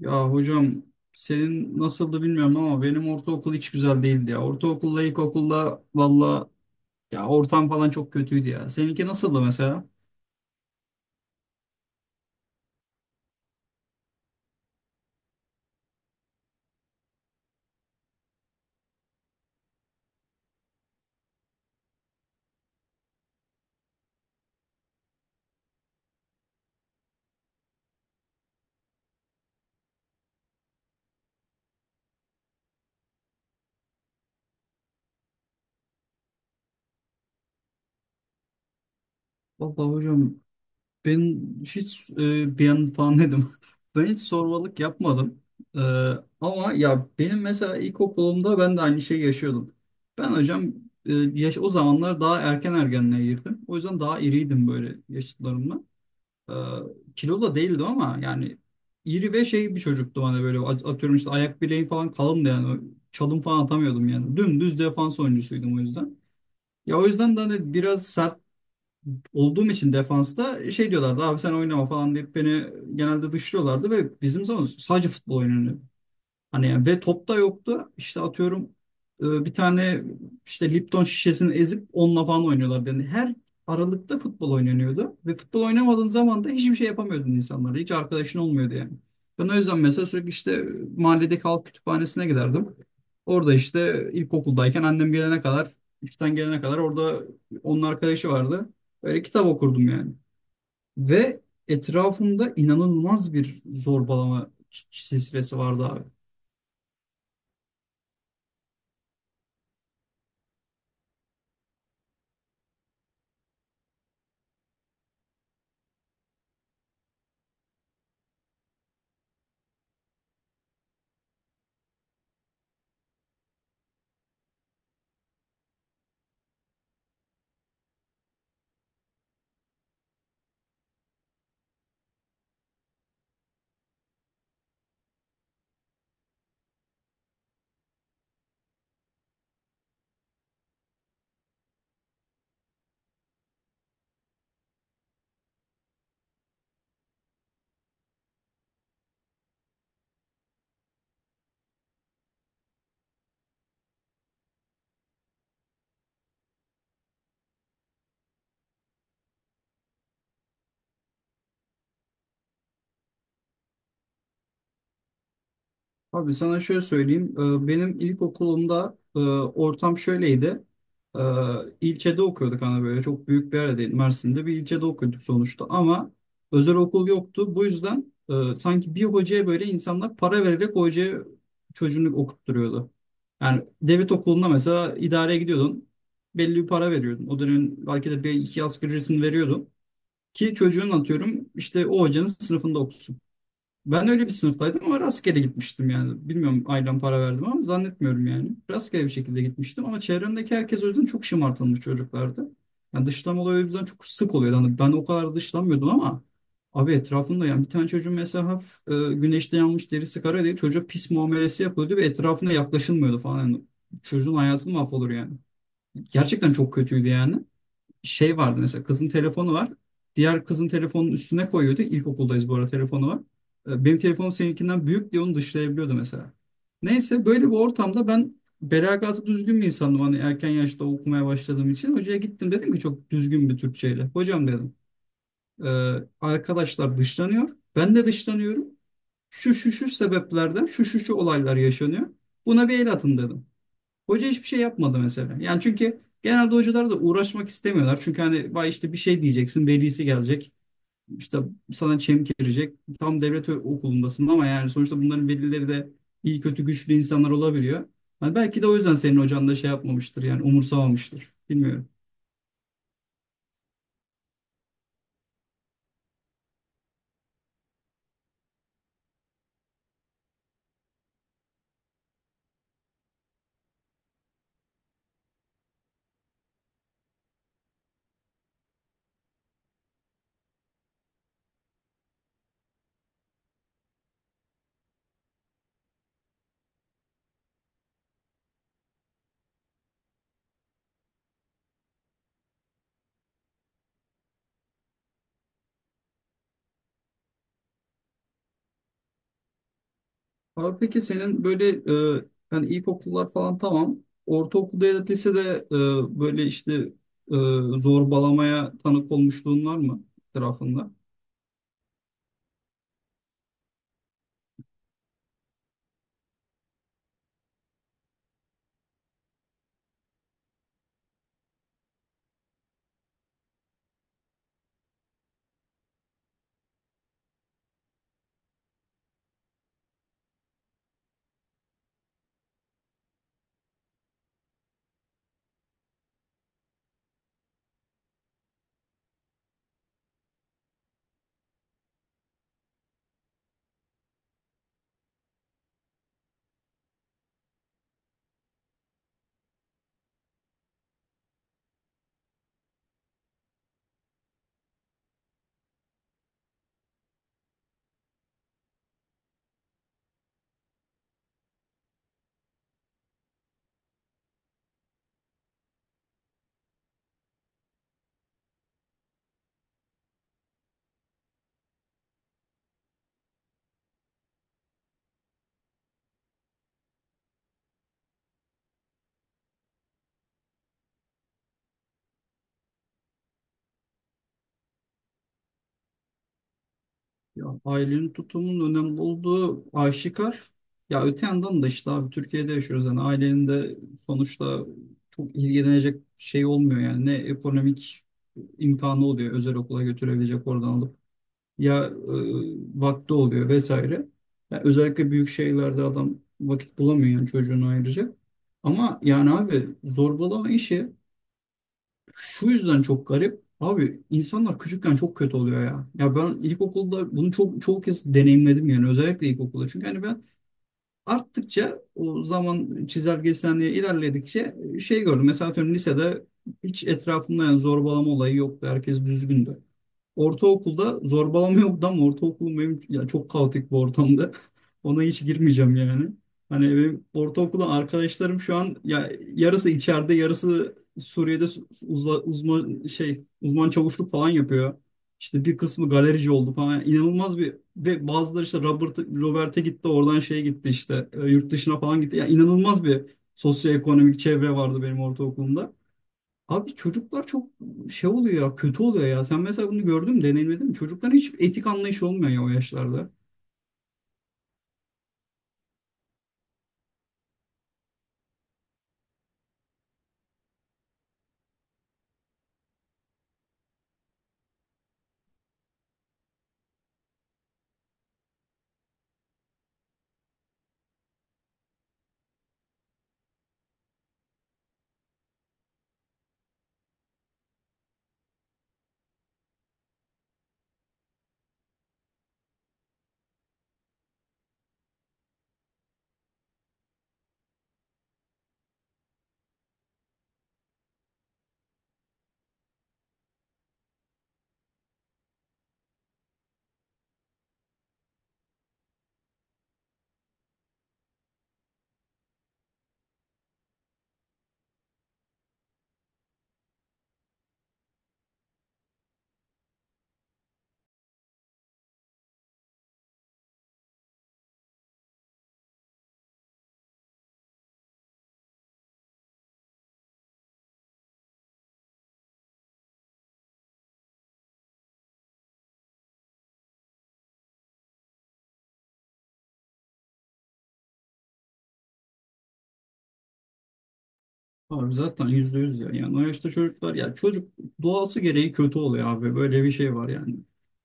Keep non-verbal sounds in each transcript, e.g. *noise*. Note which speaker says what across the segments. Speaker 1: Ya hocam senin nasıldı bilmiyorum ama benim ortaokul hiç güzel değildi ya. Ortaokulla ilkokulla valla ya ortam falan çok kötüydü ya. Seninki nasıldı mesela? Valla hocam ben hiç bir an falan dedim. *laughs* Ben hiç sormalık yapmadım. E, ama ya benim mesela ilkokulumda ben de aynı şeyi yaşıyordum. Ben hocam yaş o zamanlar daha erken ergenliğe girdim. O yüzden daha iriydim böyle yaşıtlarımla. Ee, Kilolu da değildim ama yani iri ve şey bir çocuktu hani böyle atıyorum işte ayak bileğim falan kalındı yani çalım falan atamıyordum yani dümdüz defans oyuncusuydum o yüzden. Ya o yüzden de hani biraz sert olduğum için defansta şey diyorlardı abi sen oynama falan deyip beni genelde dışlıyorlardı ve bizim zaman sadece futbol oynanıyor. Hani ve top da yoktu. İşte atıyorum bir tane işte Lipton şişesini ezip onunla falan oynuyorlar dedi. Her aralıkta futbol oynanıyordu ve futbol oynamadığın zaman da hiçbir şey yapamıyordun insanlara. Hiç arkadaşın olmuyordu yani. Ben o yüzden mesela sürekli işte mahalledeki halk kütüphanesine giderdim. Orada işte ilkokuldayken annem gelene kadar, işten gelene kadar orada onun arkadaşı vardı. Böyle kitap okurdum yani. Ve etrafımda inanılmaz bir zorbalama silsilesi vardı abi. Abi sana şöyle söyleyeyim. Benim ilkokulumda ortam şöyleydi. Ee, İlçede okuyorduk hani böyle çok büyük bir yer değil. Mersin'de bir ilçede okuyorduk sonuçta ama özel okul yoktu. Bu yüzden sanki bir hocaya böyle insanlar para vererek o hocaya çocuğunu okutturuyordu. Yani devlet okulunda mesela idareye gidiyordun. Belli bir para veriyordun. O dönemin belki de bir iki asgari ücretini veriyordun. Ki çocuğun atıyorum işte o hocanın sınıfında okusun. Ben öyle bir sınıftaydım ama rastgele gitmiştim yani. Bilmiyorum ailem para verdi mi ama zannetmiyorum yani. Rastgele bir şekilde gitmiştim ama çevremdeki herkes o yüzden çok şımartılmış çocuklardı. Yani dışlama olayı o yüzden çok sık oluyordu. Hani ben o kadar dışlanmıyordum ama abi etrafında yani bir tane çocuğun mesela hafif güneşte yanmış derisi kara değil. Çocuğa pis muamelesi yapılıyordu ve etrafına yaklaşılmıyordu falan. Yani çocuğun hayatı mahvolur yani. Gerçekten çok kötüydü yani şey vardı mesela kızın telefonu var. Diğer kızın telefonun üstüne koyuyordu. İlkokuldayız bu arada telefonu var. Benim telefonum seninkinden büyük diye onu dışlayabiliyordu mesela. Neyse böyle bir ortamda ben belagatı düzgün bir insandım. Hani erken yaşta okumaya başladığım için. Hocaya gittim dedim ki çok düzgün bir Türkçeyle. Hocam dedim e, arkadaşlar dışlanıyor. Ben de dışlanıyorum. Şu şu şu sebeplerden şu şu şu olaylar yaşanıyor. Buna bir el atın dedim. Hoca hiçbir şey yapmadı mesela. Yani çünkü genelde hocalar da uğraşmak istemiyorlar. Çünkü hani vay işte bir şey diyeceksin, velisi gelecek. İşte sana çemkirecek. Tam devlet okulundasın ama yani sonuçta bunların velileri de iyi kötü güçlü insanlar olabiliyor. Hani belki de o yüzden senin hocan da şey yapmamıştır yani umursamamıştır. Bilmiyorum. Abi peki senin böyle hani ilkokullar falan tamam. Ortaokulda ya da lisede böyle işte e, zorbalamaya tanık olmuşluğun var mı etrafında? Ya ailenin tutumunun önemli olduğu aşikar. Ya öte yandan da işte abi Türkiye'de yaşıyoruz. Yani ailenin de sonuçta çok ilgilenecek şey olmuyor yani. Ne ekonomik imkanı oluyor özel okula götürebilecek oradan alıp. Ya vakti oluyor vesaire. Ya özellikle büyük şehirlerde adam vakit bulamıyor yani çocuğunu ayıracak. Ama yani abi zorbalama işi şu yüzden çok garip. Abi insanlar küçükken çok kötü oluyor ya. Ya ben ilkokulda bunu çok çok kez deneyimledim yani özellikle ilkokulda. Çünkü hani ben arttıkça o zaman çizelgesinde ilerledikçe şey gördüm. Mesela atıyorum lisede hiç etrafımda yani zorbalama olayı yoktu. Herkes düzgündü. Ortaokulda zorbalama yoktu ama ortaokulum benim ya çok kaotik bir ortamda. *laughs* Ona hiç girmeyeceğim yani. Hani benim ortaokulda arkadaşlarım şu an ya yarısı içeride, yarısı Suriye'de uzman şey uzman çavuşluk falan yapıyor. İşte bir kısmı galerici oldu falan. Yani inanılmaz bir ve bazıları işte Robert'e gitti, oradan şeye gitti işte yurt dışına falan gitti. Ya inanılmaz bir sosyoekonomik çevre vardı benim ortaokulumda. Abi çocuklar çok şey oluyor ya kötü oluyor ya. Sen mesela bunu gördün mü deneyimledin mi? Çocukların hiç etik anlayışı olmuyor ya o yaşlarda. Abi zaten yüzde yüz ya. Yani o yaşta çocuklar ya çocuk doğası gereği kötü oluyor abi. Böyle bir şey var yani.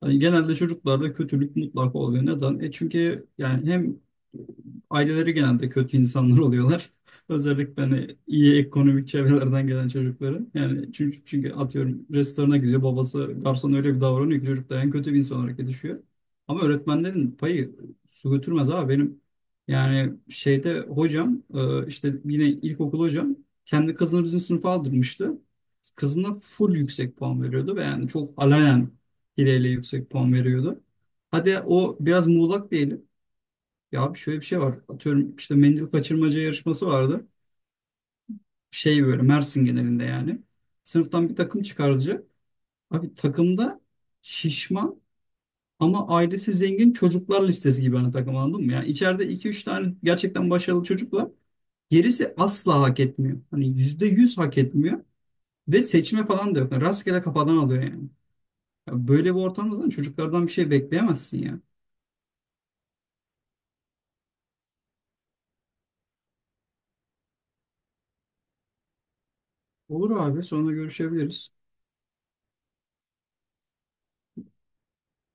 Speaker 1: Hani genelde çocuklarda kötülük mutlaka oluyor. Neden? E çünkü yani hem aileleri genelde kötü insanlar oluyorlar. *laughs* Özellikle hani iyi ekonomik çevrelerden gelen çocukların. Yani çünkü atıyorum restorana gidiyor babası garson öyle bir davranıyor ki çocuk da en kötü bir insan olarak yetişiyor. Ama öğretmenlerin payı su götürmez abi benim. Yani şeyde hocam işte yine ilkokul hocam kendi kızını bizim sınıfa aldırmıştı. Kızına full yüksek puan veriyordu ve yani çok alayan hileyle yüksek puan veriyordu. Hadi o biraz muğlak diyelim. Ya abi şöyle bir şey var. Atıyorum işte mendil kaçırmaca yarışması vardı. Şey böyle Mersin genelinde yani. Sınıftan bir takım çıkarılacak. Abi takımda şişman ama ailesi zengin çocuklar listesi gibi hani takım anladın mı? Yani içeride iki üç tane gerçekten başarılı çocuk var. Gerisi asla hak etmiyor. Hani %100 hak etmiyor. Ve seçme falan da yok. Yani rastgele kafadan alıyor yani. Ya böyle bir ortamda zaten çocuklardan bir şey bekleyemezsin ya. Olur abi sonra görüşebiliriz.